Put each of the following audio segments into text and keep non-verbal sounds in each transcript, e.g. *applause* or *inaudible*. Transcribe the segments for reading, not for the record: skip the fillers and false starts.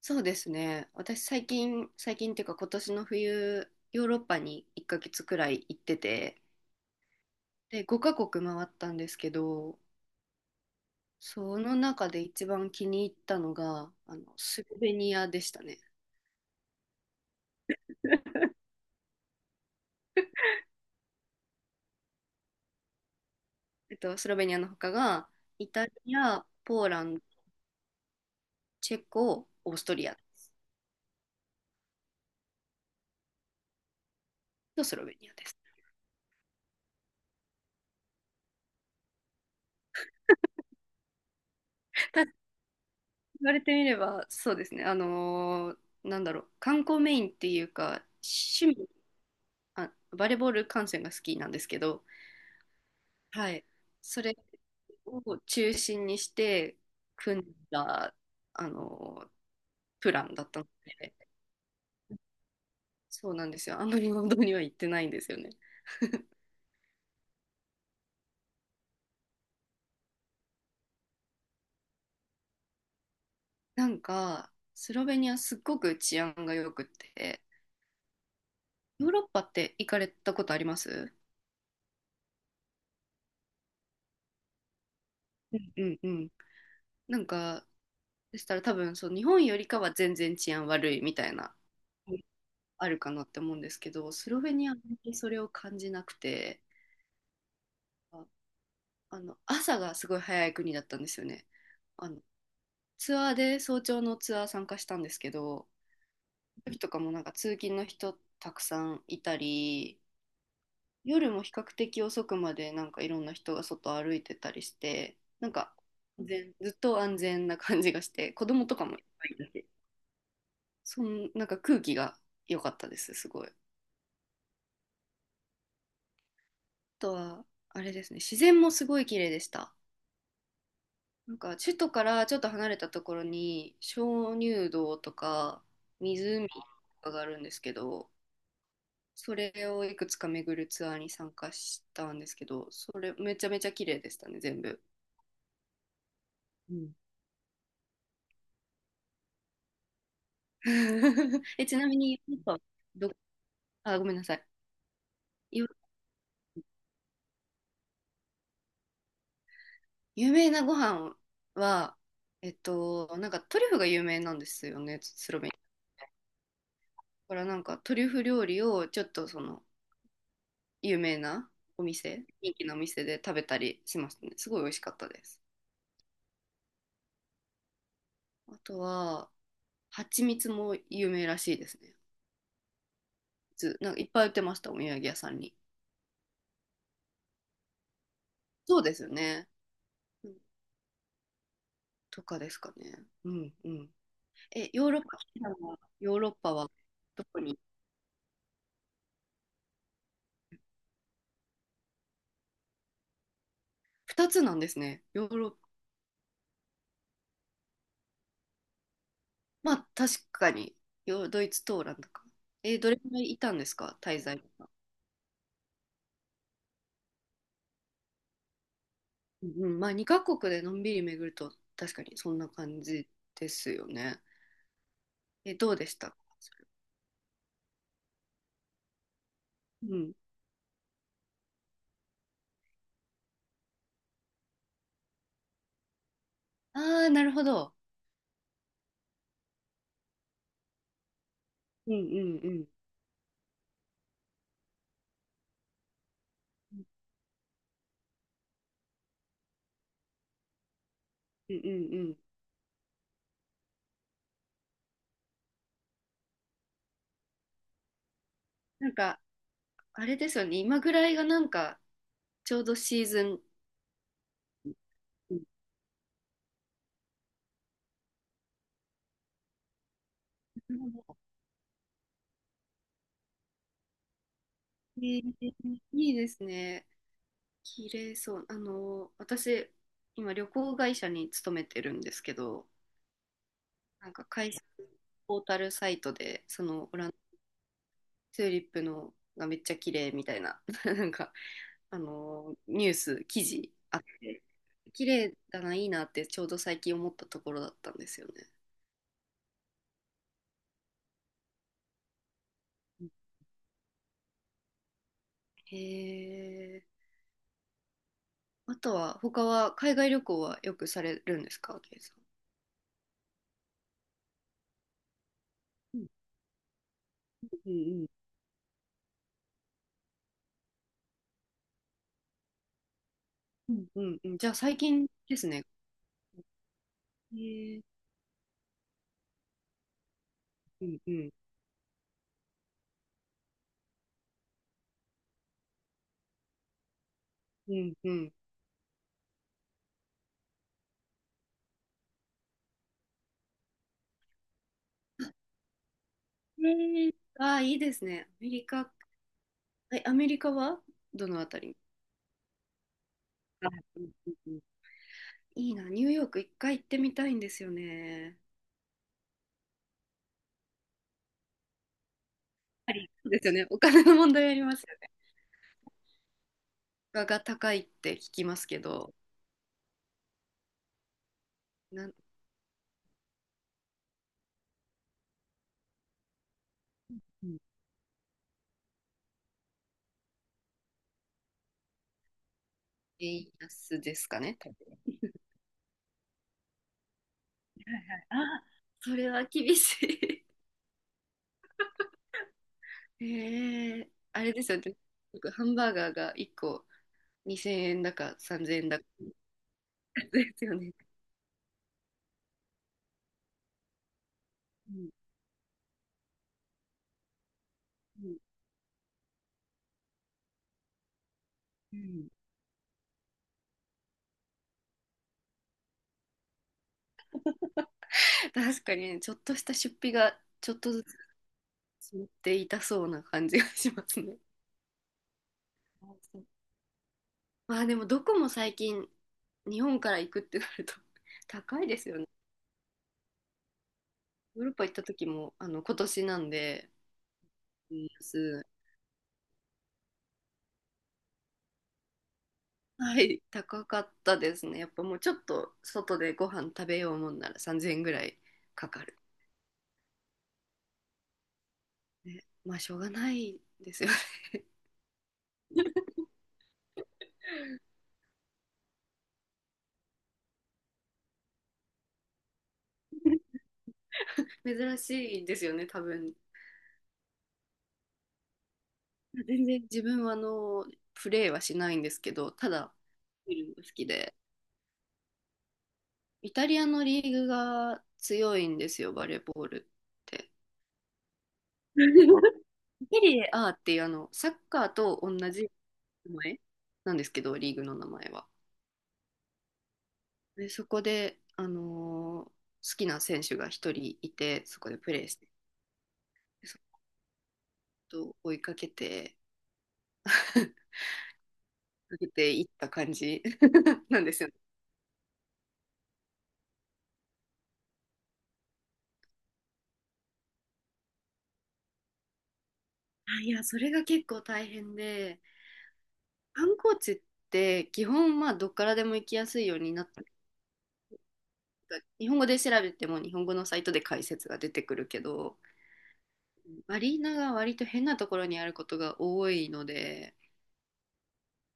そうですね。私最近、最近っていうか今年の冬、ヨーロッパに1ヶ月くらい行ってて、で、5カ国回ったんですけど、その中で一番気に入ったのが、スロベニアでしたね。*laughs* スロベニアの他が、イタリア、ポーランド、チェコ、オーストリアとスロベニアです。*laughs* ただ言われてみれば、そうですね。なんだろう、観光メインっていうか、あ、バレーボール観戦が好きなんですけど、はい。それを中心にして組んだ、あの、プランだったので、そうなんですよ。あんまり運動には行ってないんですよね。*laughs* なんか、スロベニアすっごく治安が良くて、ヨーロッパって行かれたことあります？うんうんうん。なんか、でしたら多分そう、日本よりかは全然治安悪いみたいな、あるかなって思うんですけど、スロベニアはあんまりそれを感じなくて、ああの朝がすごい早い国だったんですよね。あのツアーで早朝のツアー参加したんですけど、時とかもなんか通勤の人たくさんいたり、夜も比較的遅くまでなんかいろんな人が外歩いてたりして、なんか全ずっと安全な感じがして、子供とかもいっぱいいたし、そんなんか空気が良かったです、すごい。あとはあれですね、自然もすごい綺麗でした。なんか首都からちょっと離れたところに鍾乳洞とか湖とかがあるんですけど、それをいくつか巡るツアーに参加したんですけど、それめちゃめちゃ綺麗でしたね、全部。うん *laughs*。え、ちなみに、ヨーロッパど、あ、ごめんなさい。よ有名なご飯は、なんかトリュフが有名なんですよね、スロベニア。だからなんかトリュフ料理をちょっとその有名なお店、人気のお店で食べたりしましたね。すごい美味しかったです。あとは、蜂蜜も有名らしいですね。ずなんかいっぱい売ってました、お土産屋さんに。そうですよね。うんとかですかね。うんうん。え、ヨーロッパ、普段はヨーロッパはどこに？ 2 つなんですね、ヨーロッパ。まあ確かに、ヨードイツとオランダか。え、どれくらいいたんですか、滞在とか。うんうん、まあ2カ国でのんびり巡ると確かにそんな感じですよね。え、どうでしたそれ？うん。ああー、なるほど。うんうんうん。うんうんうん。なんか、あれですよね。今ぐらいがなんか、ちょうどシーズン。うんなるほどえーいいですね。綺麗そう。あの、私、今旅行会社に勤めてるんですけど、なんか会社のポータルサイトで、そのオランダチューリップのがめっちゃ綺麗みたいな、*laughs* あのニュース、記事あって、綺麗だな、いいなってちょうど最近思ったところだったんですよね。うんへえ。あとは、他は海外旅行はよくされるんですか、ケイさん。うんうんうんうんうん。じゃあ最近ですね。へえ。うんうんうんうん。へえ。ああ、いいですね、アメリカ。え、アメリカはどのあたり？あうんうんうん、いいな、ニューヨーク一回行ってみたいんですよね。そうですよね。*laughs* お金の問題あります？価が高いって聞きますけど、なんうん円安ですかね、多分。はいはい。あ、それは厳しい。*laughs* ええ、あれですよね。僕ハンバーガーが1個2000円だか3000円だかですよね。うんうんうん確かにね、ちょっとした出費がちょっとずつ積もっていたそうな感じがしますね。あそう、まあでもどこも最近日本から行くってなると *laughs* 高いですよね。ヨーロッパ行った時もあの今年なんで円安。はい、高かったですね。やっぱもうちょっと外でご飯食べようもんなら3000円ぐらいかかる。ね、まあしょうがないですよね。*laughs* 珍しいですよね、多分。自分はあの、プレーはしないんですけど、ただ見るのが好きで。イタリアのリーグが強いんですよ、バレーボールって。*laughs* セリエ A っていうあの、サッカーと同じ名前なんですけど、リーグの名前は。で、そこで、好きな選手が一人いて、そこでプレーして、そこと追いかけて、*laughs* 追いかけていった感じ *laughs* なんですよね。いや、それが結構大変で、観光地って基本、まあ、どっからでも行きやすいようになった、日本語で調べても日本語のサイトで解説が出てくるけど、アリーナが割と変なところにあることが多いので、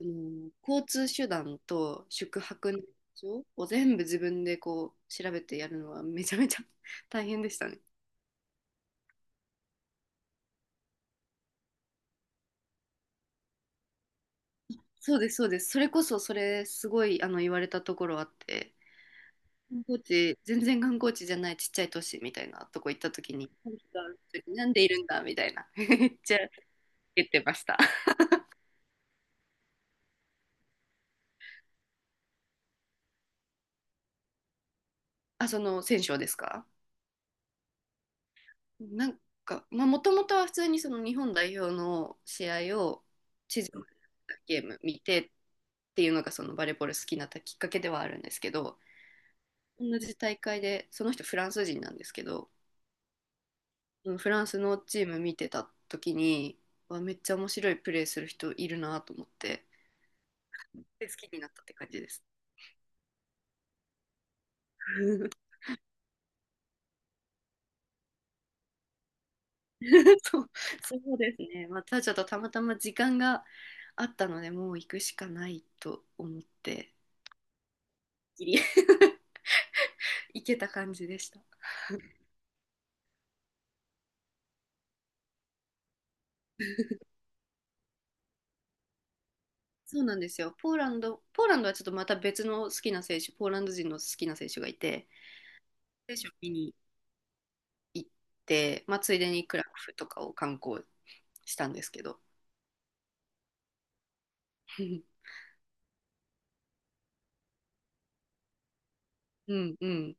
交通手段と宿泊の場所を全部自分でこう調べてやるのはめちゃめちゃ *laughs* 大変でしたね。そうです、そうです。それこそそれすごい言われたところあって、観光地、全然観光地じゃないちっちゃい都市みたいなとこ行った時に、この人はなんでいるんだみたいな、*laughs* めっちゃ言ってました。あ、その選手ですか？なんか、まあ、もともとは普通にその日本代表の試合を地上波でゲーム見てっていうのがそのバレーボール好きになったきっかけではあるんですけど、同じ大会で、その人フランス人なんですけど、フランスのチーム見てた時に、わめっちゃ面白いプレーする人いるなと思って、好きになったって感じです。*laughs* そう、そうですね。またちょっとたまたま時間があったので、もう行くしかないと思って、ギリ *laughs* 行けた感じでした。そうなんですよ。ポーランド、ポーランドはちょっとまた別の好きな選手、ポーランド人の好きな選手がいて、選手を見に行って、まあ、ついでにクラクフとかを観光したんですけど。*laughs* うんうん。